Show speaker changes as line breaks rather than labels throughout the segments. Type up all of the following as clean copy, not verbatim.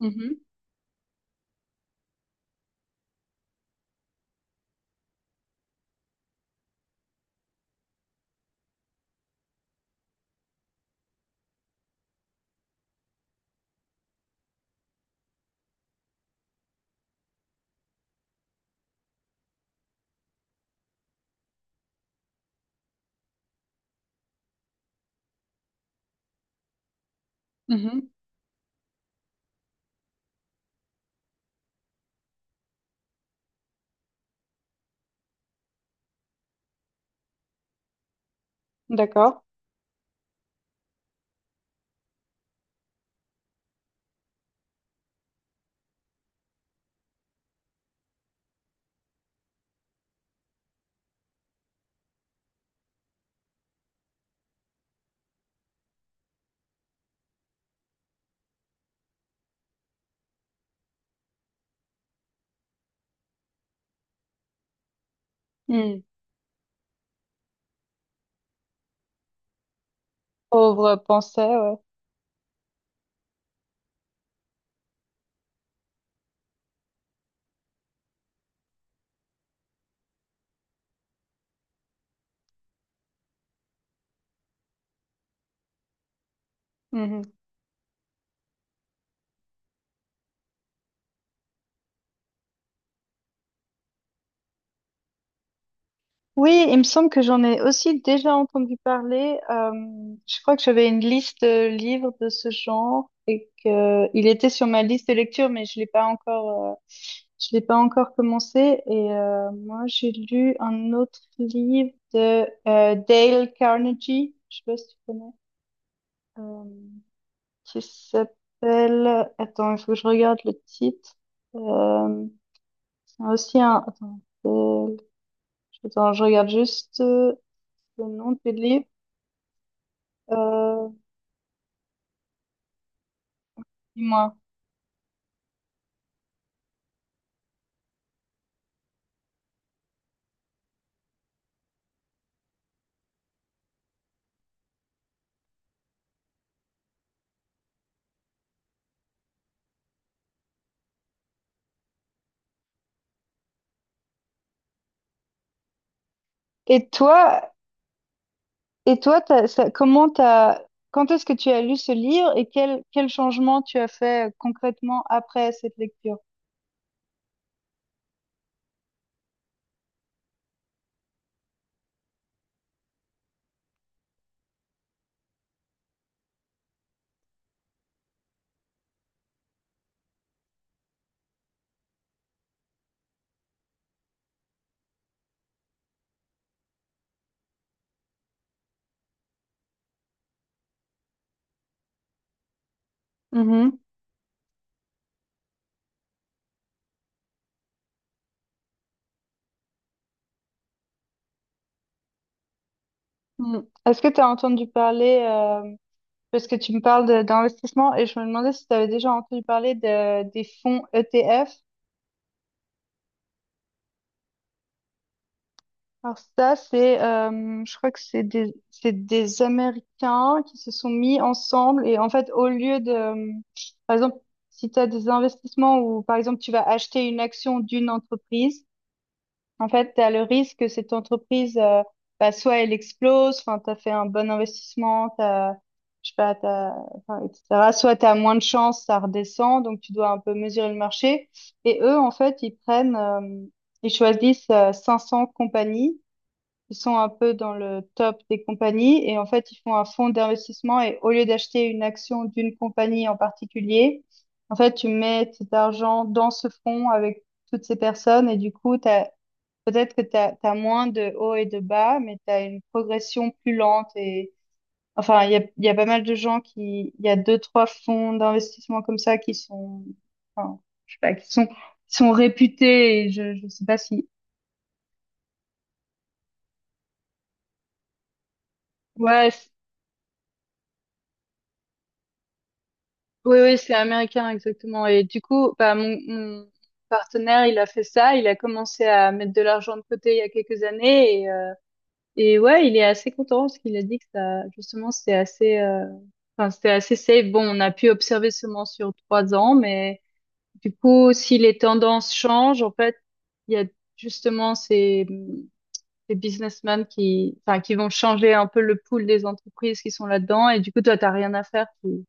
Mhm, mhm, d'accord. Hmm, pauvre pensée, ouais. Mhm. Oui, il me semble que j'en ai aussi déjà entendu parler. Je crois que j'avais une liste de livres de ce genre et que il était sur ma liste de lecture, mais je l'ai pas encore commencé. Et moi, j'ai lu un autre livre de Dale Carnegie. Je sais pas si tu connais, euh, qui s'appelle. Attends, il faut que je regarde le titre. Il y a aussi un. Euh, attends, je regarde juste le nom du livre. Euh, Dis-moi. Et toi, et toi, comment t'as... Quand est-ce que tu as lu ce livre et quel changement tu as fait concrètement après cette lecture? Mhm. Mm. Est-ce que tu as entendu parler, parce que tu me parles d'investissement et je me demandais si tu avais déjà entendu parler des fonds ETF. Alors ça, c'est, je crois que c'est des Américains qui se sont mis ensemble et en fait, au lieu de, par exemple, si tu as des investissements ou par exemple tu vas acheter une action d'une entreprise, en fait, tu as le risque que cette entreprise, bah, soit elle explose, enfin, tu as fait un bon investissement, t'as, je sais pas, t'as, enfin, etc. Soit tu as moins de chance, ça redescend, donc tu dois un peu mesurer le marché. Et eux, en fait, ils choisissent 500 compagnies. Ils sont un peu dans le top des compagnies et en fait, ils font un fonds d'investissement et au lieu d'acheter une action d'une compagnie en particulier, en fait, tu mets cet argent dans ce fonds avec toutes ces personnes et du coup, peut-être que tu as moins de hauts et de bas, mais tu as une progression plus lente et enfin, il y a pas mal de gens qui, il y a deux, trois fonds d'investissement comme ça qui sont, enfin, je sais pas, qui sont réputés et je sais pas si, ouais, oui, oui, c'est américain, exactement. Et du coup, bah, mon partenaire, il a fait ça. Il a commencé à mettre de l'argent de côté il y a quelques années. Et ouais, il est assez content parce qu'il a dit que ça, justement, c'est assez, enfin, c'était assez safe. Bon, on a pu observer seulement sur 3 ans, mais du coup, si les tendances changent, en fait, il y a justement ces businessmen qui, enfin, qui vont changer un peu le pool des entreprises qui sont là-dedans. Et du coup, toi, t'as rien à faire.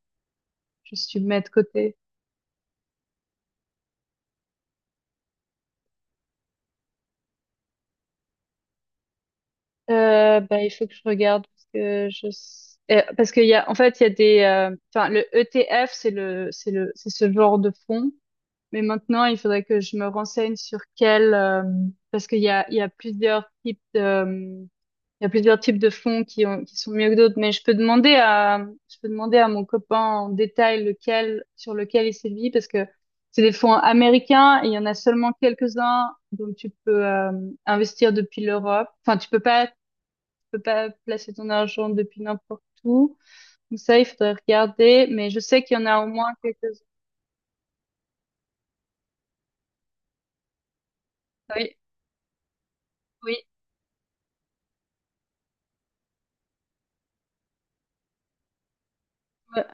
Juste tu mets de côté. Bah, il faut que je regarde parce parce qu'il y a en fait il y a des enfin le ETF c'est ce genre de fonds, mais maintenant il faudrait que je me renseigne sur quel parce qu'il y a plusieurs types de il y a plusieurs types de fonds qui sont mieux que d'autres, mais je peux demander à mon copain en détail lequel sur lequel il sévit parce que c'est des fonds américains et il y en a seulement quelques-uns, donc tu peux investir depuis l'Europe. Enfin, tu peux pas placer ton argent depuis n'importe où. Donc ça, il faudrait regarder, mais je sais qu'il y en a au moins quelques uns. Oui, oui, ouais.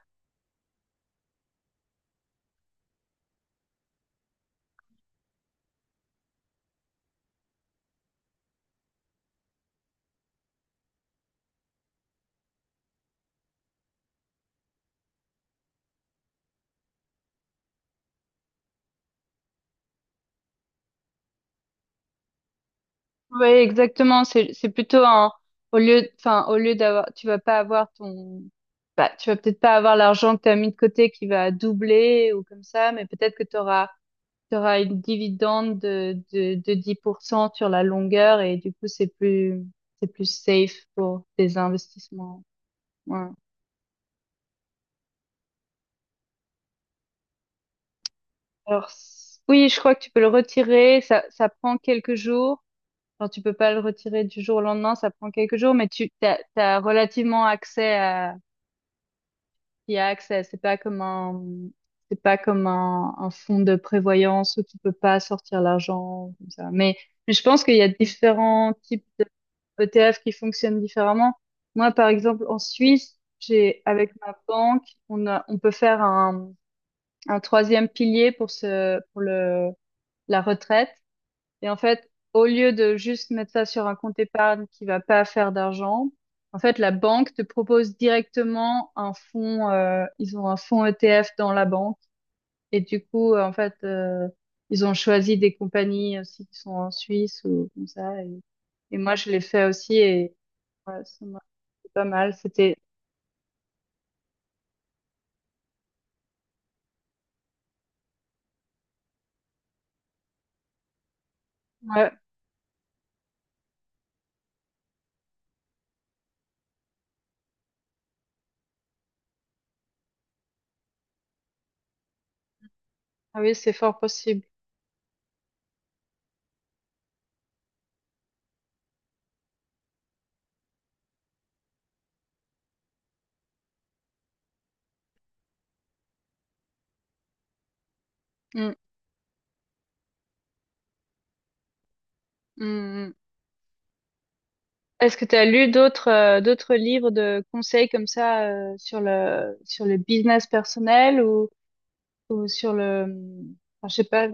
Ouais, exactement. C'est plutôt un. Au lieu, enfin, au lieu d'avoir. Tu vas pas avoir ton. Bah, tu vas peut-être pas avoir l'argent que tu as mis de côté qui va doubler ou comme ça, mais peut-être que tu auras une dividende de 10% sur la longueur et du coup, c'est plus safe pour tes investissements. Ouais. Alors, oui, je crois que tu peux le retirer. Ça prend quelques jours. Enfin, tu peux pas le retirer du jour au lendemain. Ça prend quelques jours, mais t'as relativement accès à, y a accès. C'est pas comme un fonds de prévoyance où tu peux pas sortir l'argent comme ça. Mais je pense qu'il y a différents types d'ETF qui fonctionnent différemment. Moi, par exemple, en Suisse, j'ai avec ma banque, on peut faire un troisième pilier pour le la retraite. Et en fait, au lieu de juste mettre ça sur un compte épargne qui va pas faire d'argent, en fait, la banque te propose directement un fonds. Ils ont un fonds ETF dans la banque. Et du coup, en fait, ils ont choisi des compagnies aussi qui sont en Suisse ou comme ça. Et moi, je l'ai fait aussi et ouais, ça m'a fait pas mal. C'était, ouais, ah oui, c'est fort possible. Mm, mm, est-ce que tu as lu d'autres livres de conseils comme ça sur le business personnel ou sur le enfin, je sais pas.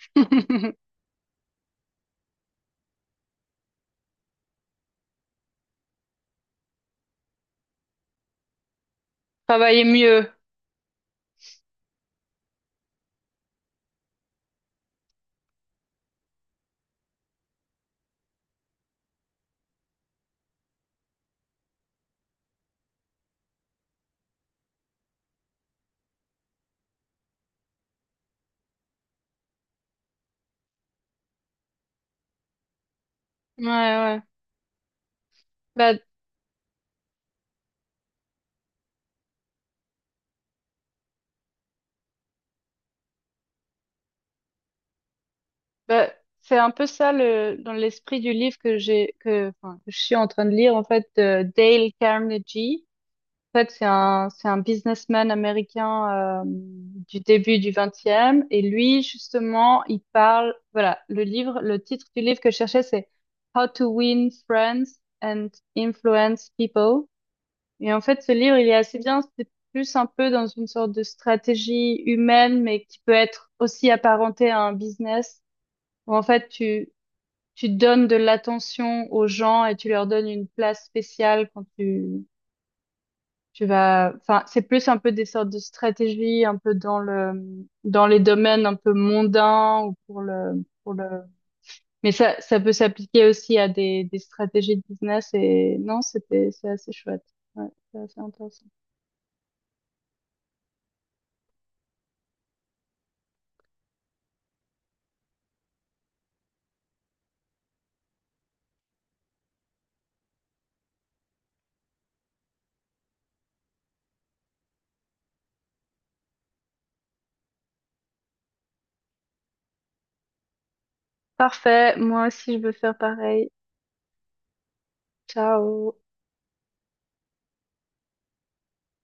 Travailler mieux. Ouais, ouais. Bah, bah, c'est un peu ça le dans l'esprit du livre que j'ai que enfin que je suis en train de lire en fait, de Dale Carnegie. En fait, c'est un businessman américain du début du 20e. Et lui, justement, il parle, voilà, le livre, le titre du livre que je cherchais, c'est How to Win Friends and Influence People. Et en fait, ce livre, il est assez bien. C'est plus un peu dans une sorte de stratégie humaine, mais qui peut être aussi apparentée à un business, où en fait, tu donnes de l'attention aux gens et tu leur donnes une place spéciale quand tu vas, enfin, c'est plus un peu des sortes de stratégies, un peu dans les domaines un peu mondains ou pour le, mais ça peut s'appliquer aussi à des stratégies de business et non, c'est assez chouette. Ouais, c'est assez intéressant. Parfait. Moi aussi, je veux faire pareil. Ciao.